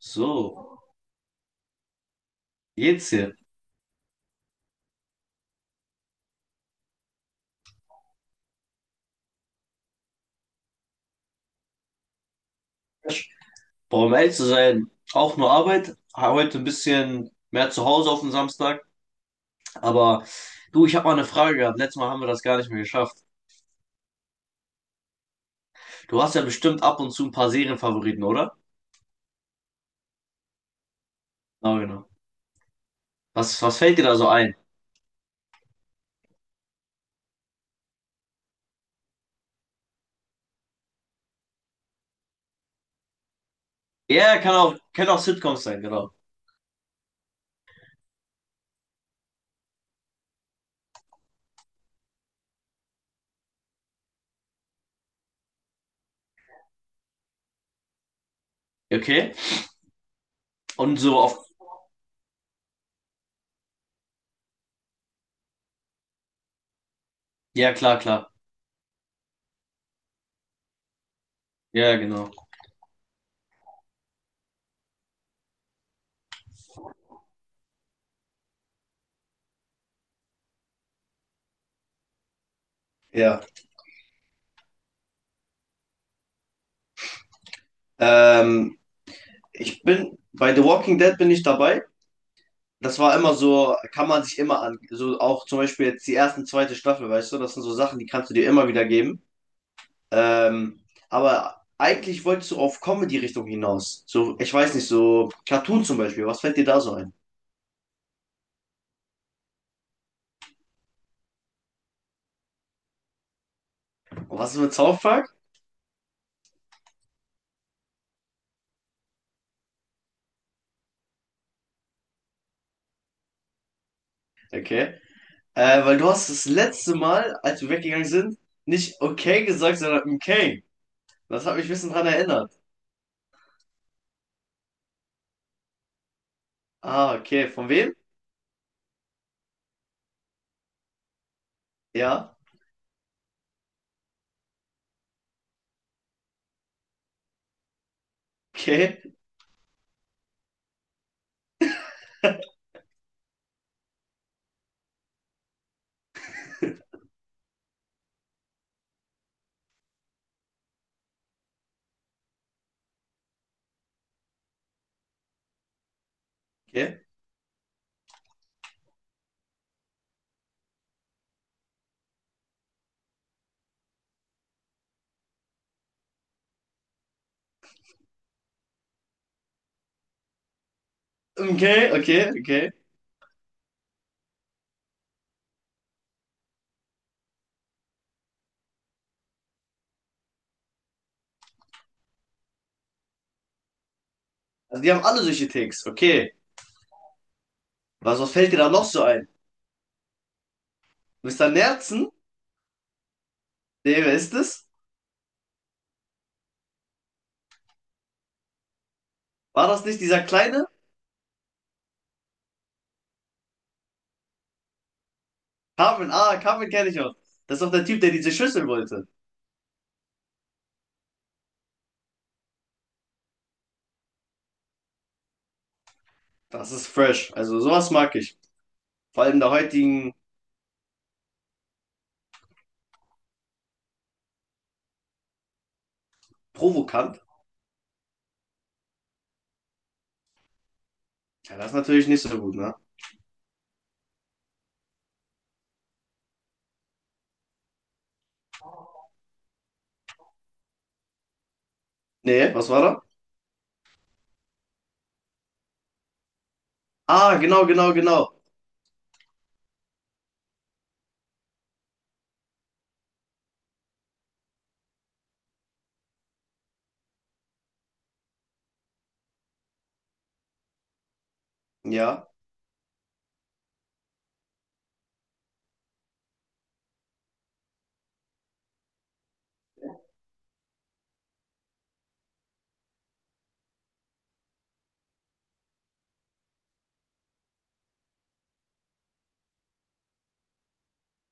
So, jetzt hier. Boah, um ehrlich zu sein, auch nur Arbeit. Heute ein bisschen mehr zu Hause auf den Samstag. Aber du, ich habe mal eine Frage gehabt. Letztes Mal haben wir das gar nicht mehr geschafft. Du hast ja bestimmt ab und zu ein paar Serienfavoriten, oder? Ah, genau. Was fällt dir da so ein? Ja, ja, kann auch Sitcoms sein, genau. Ja, okay. Und so auf. Ja, klar, klar. Ja, genau. Ja, ähm, ich bin bei The Walking Dead bin ich dabei. Das war immer so, kann man sich immer an, so auch zum Beispiel jetzt die erste, und zweite Staffel, weißt du, das sind so Sachen, die kannst du dir immer wieder geben. Ähm, aber eigentlich wolltest du auf Comedy-Richtung hinaus. So, ich weiß nicht, so Cartoon zum Beispiel, was fällt dir da so ein? Und was ist mit South Park? Okay. Weil du hast das letzte Mal, als wir weggegangen sind, nicht okay gesagt, sondern okay. Das hat mich ein bisschen dran erinnert. Ah, okay. Von wem? Ja. Okay. Okay. Okay, okay, okay. Also die haben alle solche Ticks. Okay. Was fällt dir da noch so ein? Mister Nerzen? Nee, wer ist das? War das nicht dieser kleine? Carmen, ah, Carmen kenne ich auch. Das ist doch der Typ, der diese Schüssel wollte. Das ist fresh. Also sowas mag ich. Vor allem der heutigen. Provokant. Ja, das ist natürlich nicht so gut, ne? Nee, was war da? Ah, genau, genau, genau. Ja.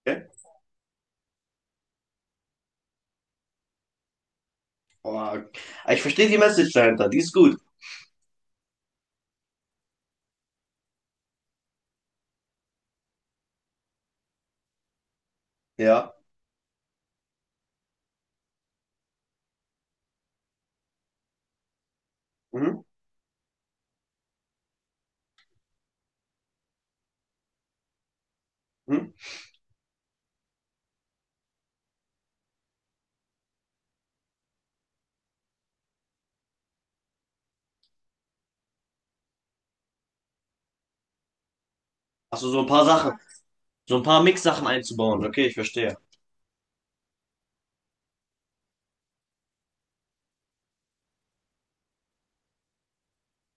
Okay. Oh, ich verstehe die Message dahinter. Die ist gut. Ja. Mhm. Mhm. Achso, so ein paar Sachen. So ein paar Mix-Sachen einzubauen. Okay, ich verstehe.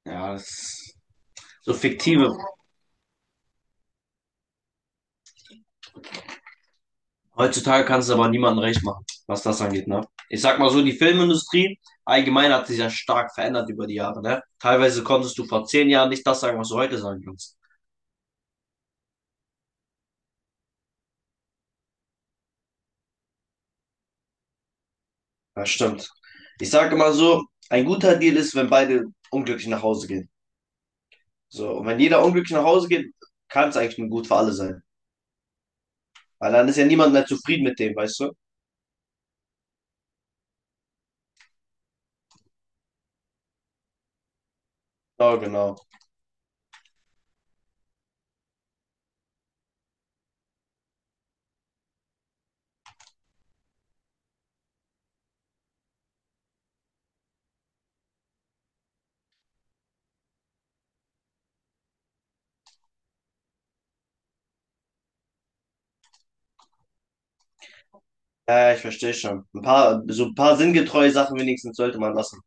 Ja, das ist so fiktive. Heutzutage kannst du aber niemandem recht machen, was das angeht, ne? Ich sag mal so, die Filmindustrie allgemein hat sich ja stark verändert über die Jahre, ne? Teilweise konntest du vor 10 Jahren nicht das sagen, was du heute sagen kannst. Das stimmt. Ich sage immer so, ein guter Deal ist, wenn beide unglücklich nach Hause gehen. So, und wenn jeder unglücklich nach Hause geht, kann es eigentlich nur gut für alle sein. Weil dann ist ja niemand mehr zufrieden mit dem, weißt du? Ja, genau. Ja, ich verstehe schon. Ein paar, so ein paar sinngetreue Sachen wenigstens sollte man lassen.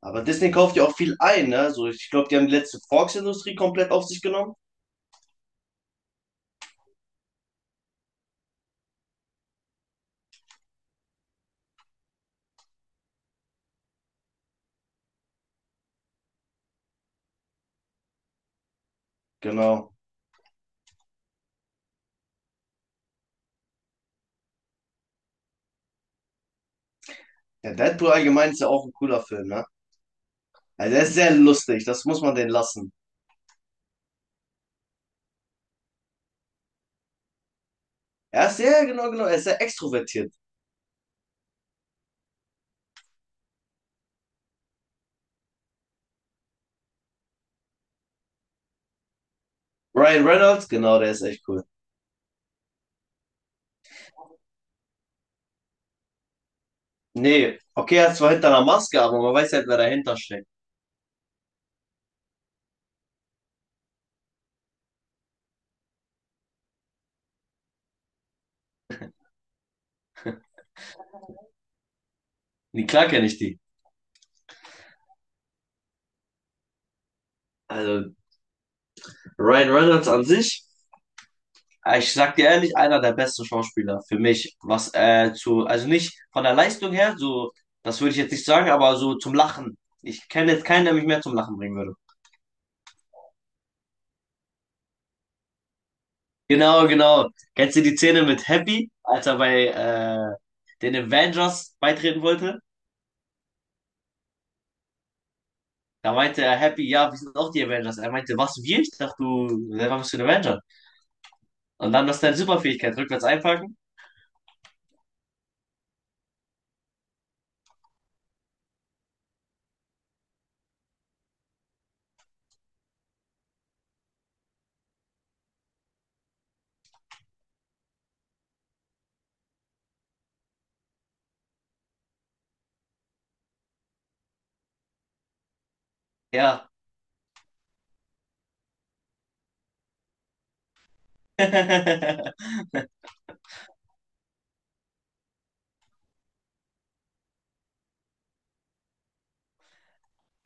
Aber Disney kauft ja auch viel ein, ne? So, ich glaube, die haben die letzte Fox-Industrie komplett auf sich genommen. Genau. Ja, Deadpool allgemein ist ja auch ein cooler Film, ne? Also er ist sehr lustig, das muss man den lassen. Er ist sehr, genau, genau, er ist sehr extrovertiert. Ryan Reynolds, genau, der ist echt cool. Nee, okay, er ist zwar hinter einer Maske, aber man weiß halt, wer dahinter steckt. Nee, klar kenne ich die. Also Ryan Reynolds an sich, ich sag dir ehrlich, einer der besten Schauspieler für mich, was zu, also nicht von der Leistung her, so, das würde ich jetzt nicht sagen, aber so zum Lachen. Ich kenne jetzt keinen, der mich mehr zum Lachen bringen würde. Genau, genau. Kennst du die Szene mit Happy, als er bei den Avengers beitreten wollte? Da meinte er Happy, ja, wir sind auch die Avengers. Er meinte, was, wir? Ich dachte, du selber bist du ein Avenger. Und dann, das ist deine Superfähigkeit, rückwärts einpacken? Ja.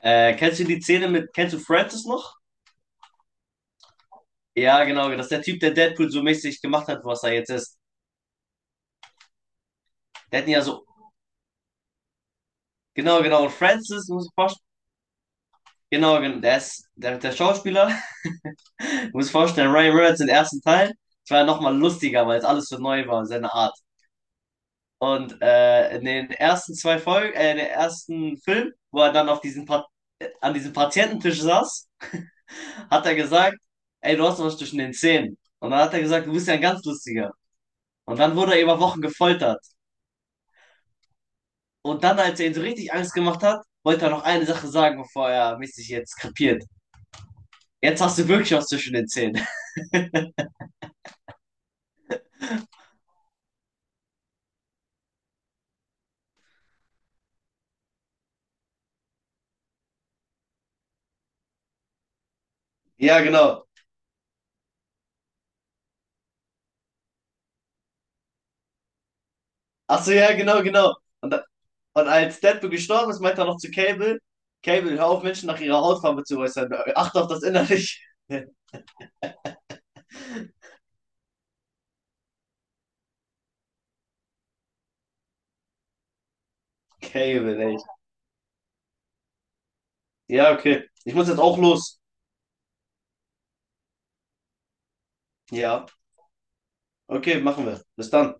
Kennst du die Szene mit, kennst du Francis noch? Ja, genau, das ist der Typ, der Deadpool so mäßig gemacht hat, was er jetzt ist. Der hat ihn ja so, genau, genau, und Francis, muss ich vorstellen, genau, genau, der ist, der Schauspieler, muss ich vorstellen, Ryan Reynolds im ersten Teil, es war ja nochmal lustiger, weil es alles so neu war, seine Art. Und in den ersten zwei Folgen, in den ersten Film, wo er dann auf diesen Pat an diesem Patiententisch saß, hat er gesagt, ey, du hast was zwischen den Zähnen. Und dann hat er gesagt, du bist ja ein ganz lustiger. Und dann wurde er über Wochen gefoltert. Und dann, als er ihn so richtig Angst gemacht hat, wollte er noch eine Sache sagen, bevor er mäßig jetzt krepiert. Jetzt hast du wirklich was zwischen den Zähnen. Ja, genau. Achso, ja, genau, genau. Und als Deadpool gestorben ist, meinte er noch zu Cable, Cable, hör auf, Menschen nach ihrer Hautfarbe zu äußern. Achte auf das Innerliche. Cable, echt. Ja, okay. Ich muss jetzt auch los. Ja, okay, machen wir. Bis dann.